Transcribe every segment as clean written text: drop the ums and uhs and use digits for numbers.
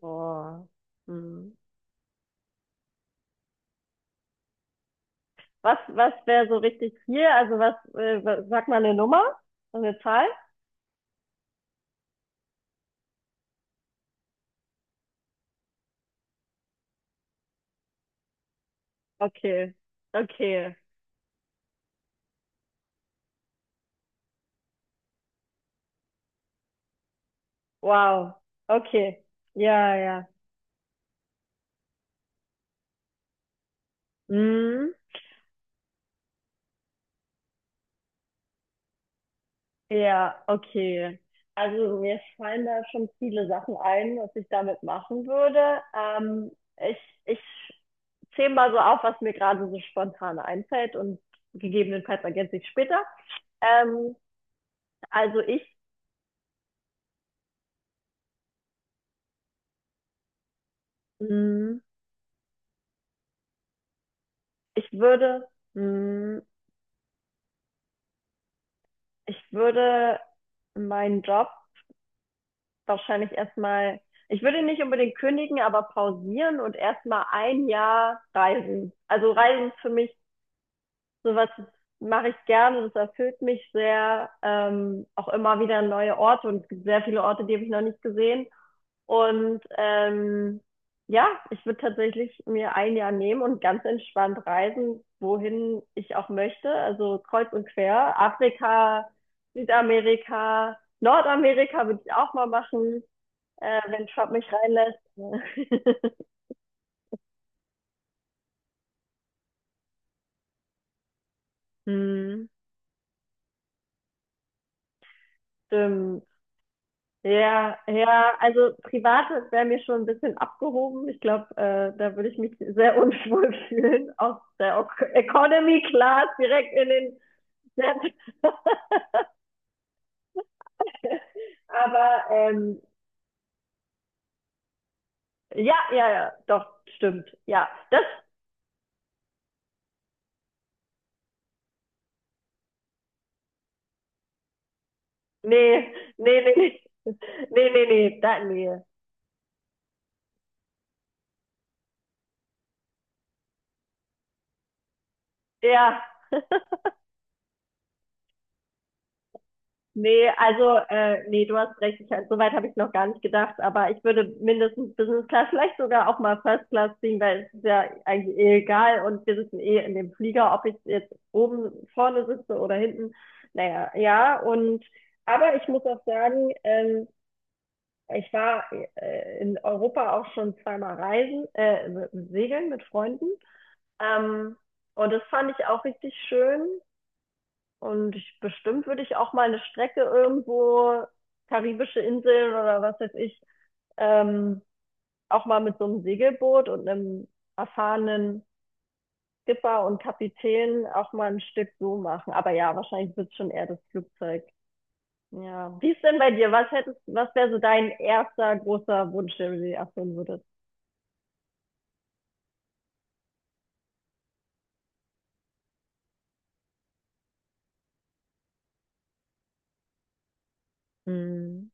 Boah. Hm. Was wäre so richtig viel? Also sag mal eine Nummer, eine Zahl? Okay, okay, wow, okay, ja, ja, hm. Ja, okay. Also mir fallen da schon viele Sachen ein, was ich damit machen würde. Ich, ich zähle mal so auf, was mir gerade so spontan einfällt und gegebenenfalls ergänze ich später. Ähm, also ich, hm, ich würde, hm, Ich würde meinen Job wahrscheinlich, ich würde nicht unbedingt kündigen, aber pausieren und erstmal ein Jahr reisen. Also Reisen ist für mich sowas, das mache ich gerne, das erfüllt mich sehr. Auch immer wieder neue Orte, und es gibt sehr viele Orte, die habe ich noch nicht gesehen. Und ja, ich würde tatsächlich mir ein Jahr nehmen und ganz entspannt reisen, wohin ich auch möchte. Also kreuz und quer. Afrika, Südamerika, Nordamerika würde ich auch mal machen, wenn Trump mich reinlässt. Hm. Stimmt. Ja, ja, also privat wäre mir schon ein bisschen abgehoben. Ich glaube, da würde ich mich sehr unwohl fühlen, aus der Economy Class direkt in den Aber ja, ja, ja, doch, stimmt. Ja, das, nee, nee, nee, nee, nee, nee, nee, da, nee. Ja, nee, also, nee, du hast recht, ich, so weit habe ich noch gar nicht gedacht, aber ich würde mindestens Business Class, vielleicht sogar auch mal First Class ziehen, weil es ist ja eigentlich eh egal und wir sitzen eh in dem Flieger, ob ich jetzt oben vorne sitze oder hinten. Naja, ja, und, aber ich muss auch sagen, ich war in Europa auch schon zweimal reisen, segeln mit Freunden. Ähm, und das fand ich auch richtig schön. Und bestimmt würde ich auch mal eine Strecke irgendwo, karibische Inseln oder was weiß ich, ähm, auch mal mit so einem Segelboot und einem erfahrenen Skipper und Kapitän auch mal ein Stück so machen. Aber ja, wahrscheinlich wird es schon eher das Flugzeug. Ja. Wie ist denn bei dir? Was hättest, was wäre so dein erster großer Wunsch, den du dir erfüllen würdest? Mhm.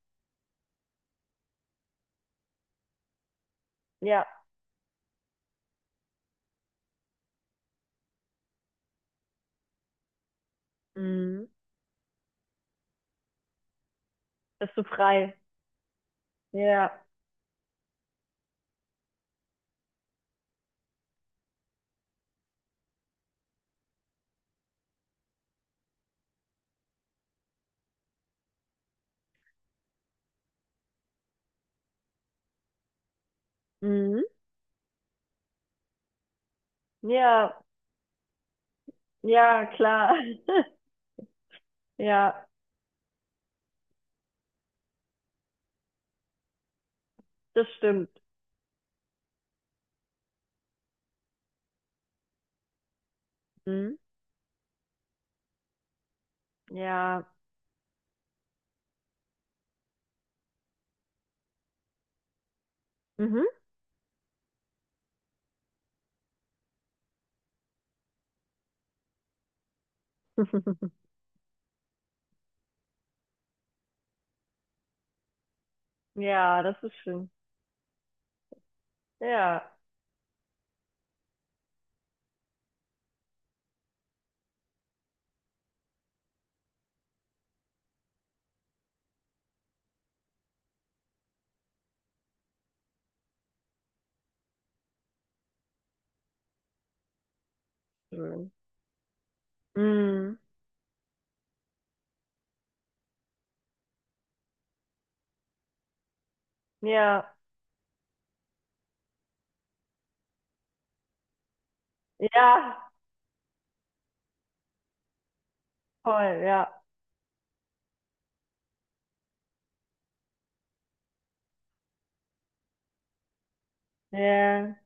Ja. Mhm. Bist du frei. Ja. Mhm. Ja, ja, klar. Ja, das stimmt. Mhm. Ja. Mhm. Ja, das ist schön. Ja. Schön. Mhm. Ja, ja, voll, ja. Ja,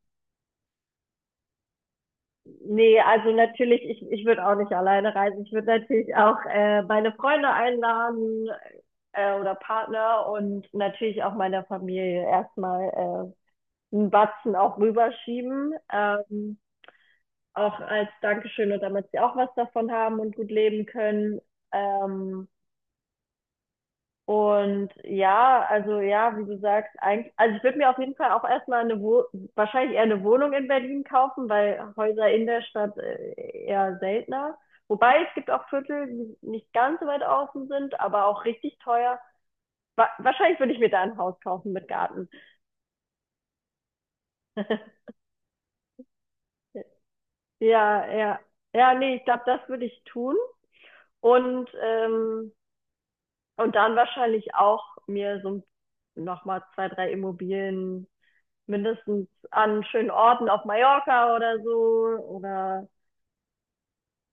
nee, also natürlich, ich würde auch nicht alleine reisen. Ich würde natürlich auch meine Freunde einladen, oder Partner und natürlich auch meiner Familie erstmal 'n Batzen auch rüberschieben, auch als Dankeschön und damit sie auch was davon haben und gut leben können. Ähm, und ja, also ja, wie du sagst, eigentlich, also ich würde mir auf jeden Fall auch erstmal mal 'ne Wo wahrscheinlich eher eine Wohnung in Berlin kaufen, weil Häuser in der Stadt, eher seltener. Wobei, es gibt auch Viertel, die nicht ganz so weit außen sind, aber auch richtig teuer. Wa Wahrscheinlich würde ich mir da ein Haus kaufen mit Garten. Ja, ja. Ja, nee, ich glaube, das würde ich tun. Und, ähm, und dann wahrscheinlich auch mir so nochmal zwei, drei Immobilien mindestens an schönen Orten auf Mallorca oder so. Oder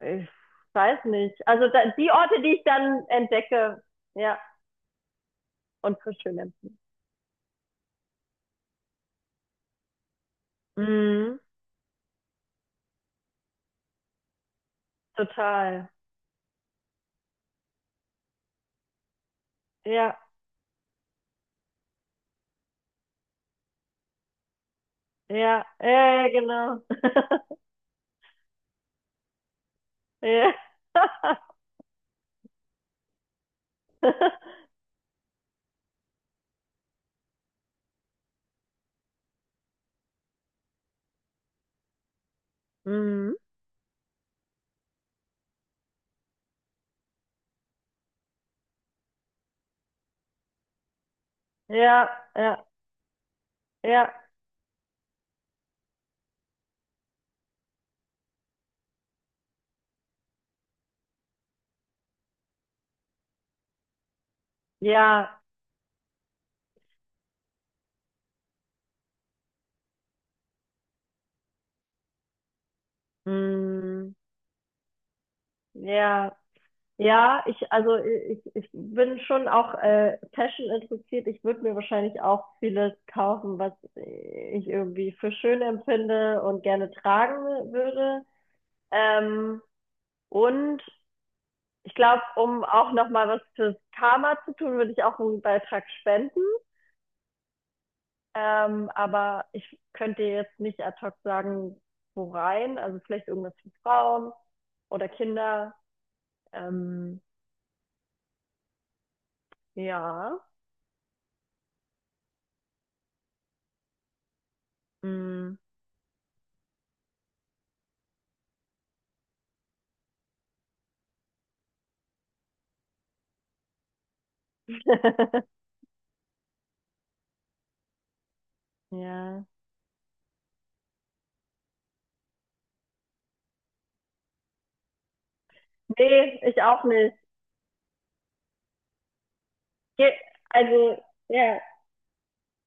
ich weiß nicht. Also da, die Orte, die ich dann entdecke, ja, und für schön empfinde. Mhm, total. Ja, ja, ja, ja, genau. Ja. Mhm. Ja, ja, ja, ja. Mhm. Ja. Ja, ich, also ich bin schon auch Fashion interessiert. Ich würde mir wahrscheinlich auch vieles kaufen, was ich irgendwie für schön empfinde und gerne tragen würde. Ähm, und ich glaube, um auch nochmal was fürs Karma zu tun, würde ich auch einen Beitrag spenden. Aber ich könnte dir jetzt nicht ad hoc sagen, wo rein. Also vielleicht irgendwas für Frauen oder Kinder. Ähm, ja. Mm. Ja. Nee, ich auch nicht. Ge- Also, ja,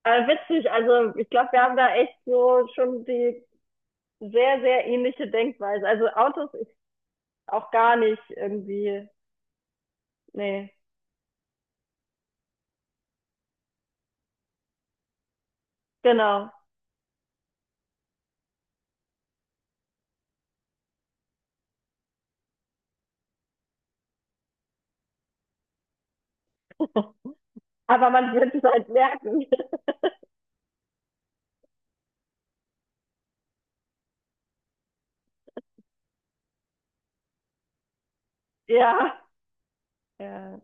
aber witzig. Also, ich glaube, wir haben da echt so schon die sehr, sehr ähnliche Denkweise. Also, Autos ist auch gar nicht irgendwie. Nee, genau. Aber man wird es halt merken. Ja, ja.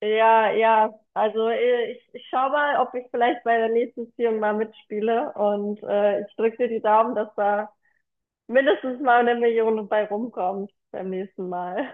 Ja, ja. Also, ich schau mal, ob ich vielleicht bei der nächsten Ziehung mal mitspiele. Und ich drücke dir die Daumen, dass da mindestens mal eine Million bei rumkommt beim nächsten Mal.